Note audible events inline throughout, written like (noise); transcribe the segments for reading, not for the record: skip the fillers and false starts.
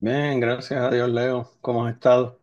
Bien, gracias a Dios, Leo. ¿Cómo has estado?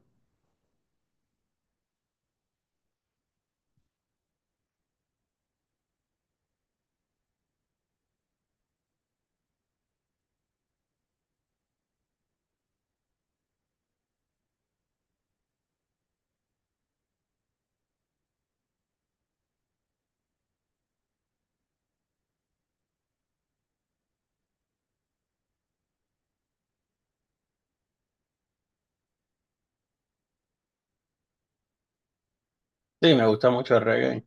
Sí, me gusta mucho el reggae.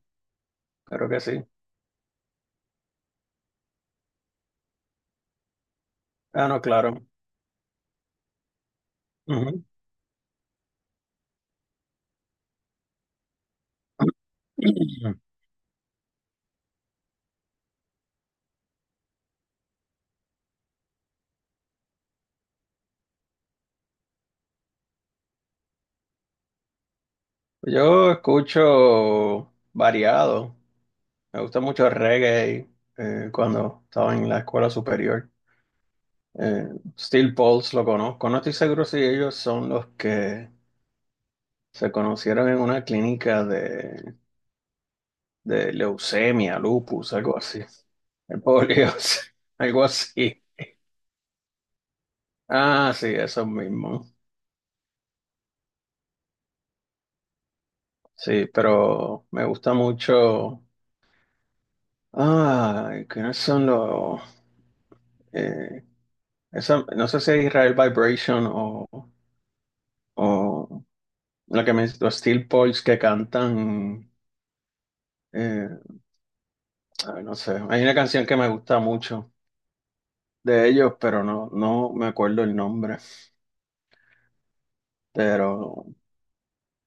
Creo que sí. Ah, no, claro. Ujú. (clears throat) Yo escucho variado. Me gusta mucho el reggae cuando estaba en la escuela superior. Eh, Steel Pulse lo conozco. No estoy seguro si ellos son los que se conocieron en una clínica de leucemia, lupus, algo así. El polio, (laughs) algo así. Ah, sí, eso mismo. Sí, pero me gusta mucho. Ah, ¿quiénes son los? eh, no sé si es Israel Vibration o la que me, los Steel Pulse que cantan. eh, Ay, no sé. Hay una canción que me gusta mucho de ellos, pero no, no me acuerdo el nombre. Pero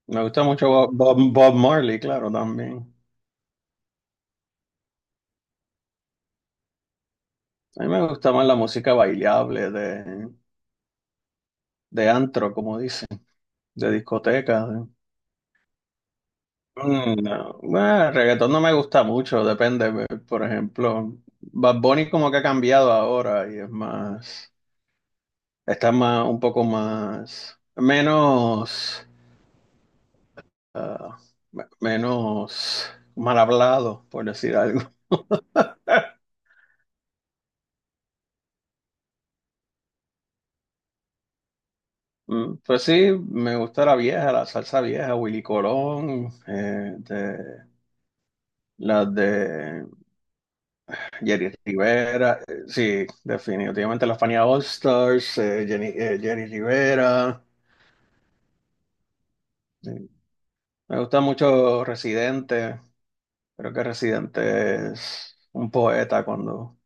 me gusta mucho Bob Marley, claro, también. A mí me gusta más la música bailable de antro, como dicen, de discoteca. No, bueno, el reggaetón no me gusta mucho, depende. Por ejemplo, Bad Bunny como que ha cambiado ahora y es más, está más, un poco más, menos, ah, menos mal hablado, por decir algo. (laughs) Pues sí, me gusta la vieja, la salsa vieja, Willy Colón, las de Jerry Rivera, sí, definitivamente la Fania All Stars, Jerry Rivera. Sí. Me gusta mucho Residente. Creo que Residente es un poeta cuando.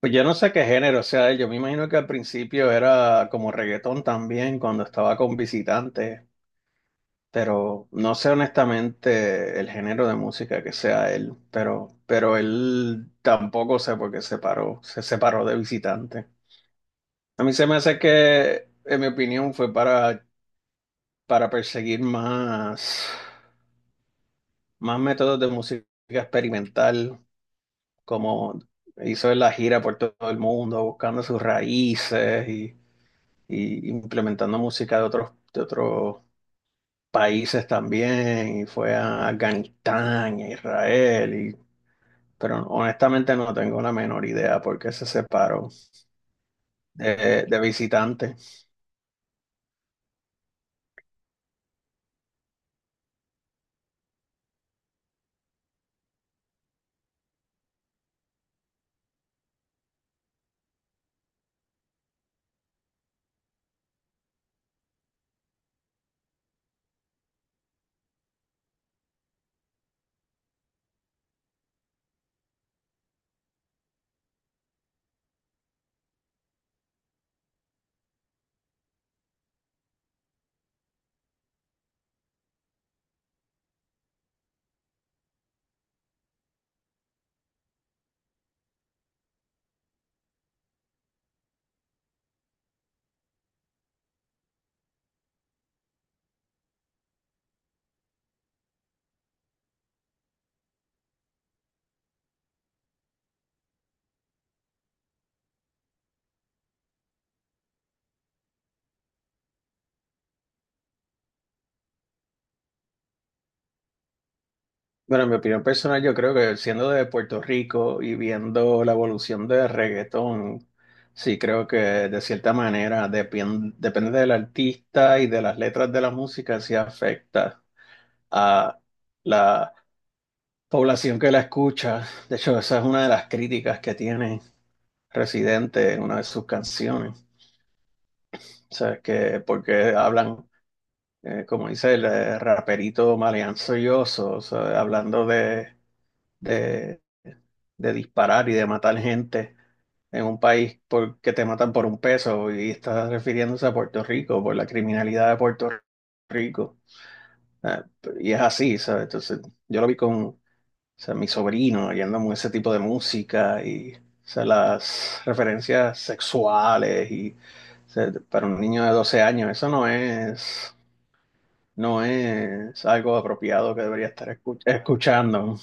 Pues yo no sé qué género sea él. Yo me imagino que al principio era como reggaetón también cuando estaba con visitantes, pero no sé honestamente el género de música que sea él, pero él tampoco sé por qué se paró, se separó de visitantes. A mí se me hace que, en mi opinión, fue para perseguir más, más métodos de música experimental, como hizo en la gira por todo el mundo, buscando sus raíces y implementando música de otros países también, y fue a Afganistán, a Israel, pero honestamente no tengo la menor idea por qué se separó de visitante. Bueno, en mi opinión personal, yo creo que siendo de Puerto Rico y viendo la evolución del reggaetón, sí creo que de cierta manera depende del artista y de las letras de la música, sí afecta a la población que la escucha. De hecho, esa es una de las críticas que tiene Residente en una de sus canciones. O sea, que porque hablan, como dice el raperito maleanzoyoso, o sea, hablando de, de disparar y de matar gente en un país porque te matan por un peso y estás refiriéndose a Puerto Rico por la criminalidad de Puerto Rico. Ah, y es así, ¿sabes? Entonces, yo lo vi con, o sea, mi sobrino yendo a ese tipo de música y, o sea, las referencias sexuales y, o sea, para un niño de 12 años, eso no es, no es algo apropiado que debería estar escuchando.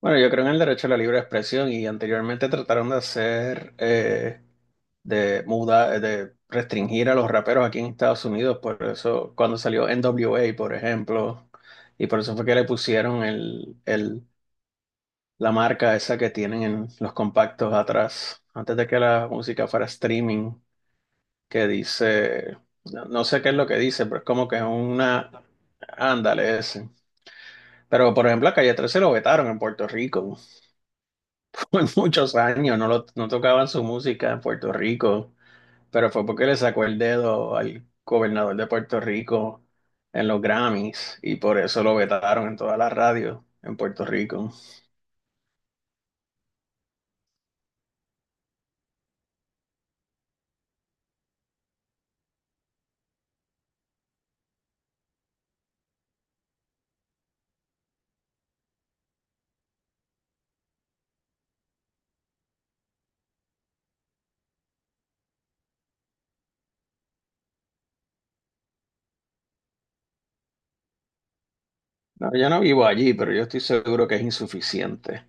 Bueno, yo creo en el derecho a la libre expresión y anteriormente trataron de hacer, de mudar, de restringir a los raperos aquí en Estados Unidos, por eso cuando salió NWA, por ejemplo, y por eso fue que le pusieron la marca esa que tienen en los compactos atrás, antes de que la música fuera streaming, que dice, no, no sé qué es lo que dice, pero es como que es una, ándale ese. Pero por ejemplo, a Calle 13 lo vetaron en Puerto Rico. Fue (laughs) muchos años, no, no tocaban su música en Puerto Rico, pero fue porque le sacó el dedo al gobernador de Puerto Rico en los Grammys y por eso lo vetaron en todas las radios en Puerto Rico. No, yo no vivo allí, pero yo estoy seguro que es insuficiente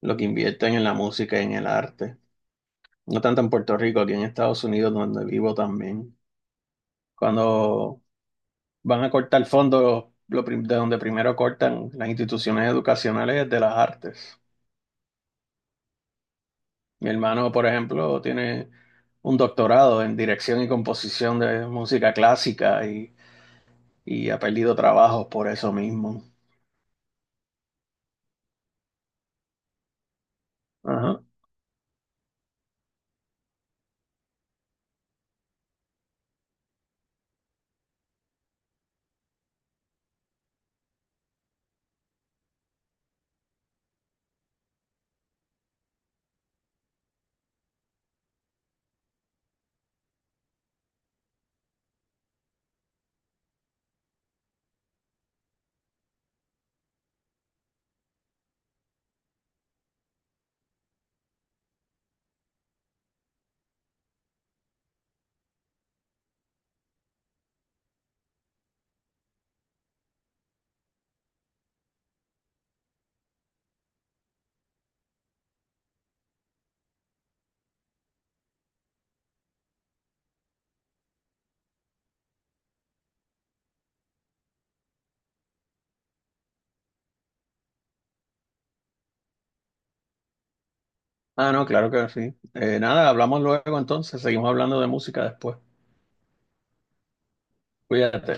lo que invierten en la música y en el arte. No tanto en Puerto Rico, aquí en Estados Unidos, donde vivo también. Cuando van a cortar fondos, de donde primero cortan las instituciones educacionales es de las artes. Mi hermano, por ejemplo, tiene un doctorado en dirección y composición de música clásica y ha perdido trabajos por eso mismo. Ajá. Ah, no, claro que sí. Nada, hablamos luego entonces, seguimos hablando de música después. Cuídate.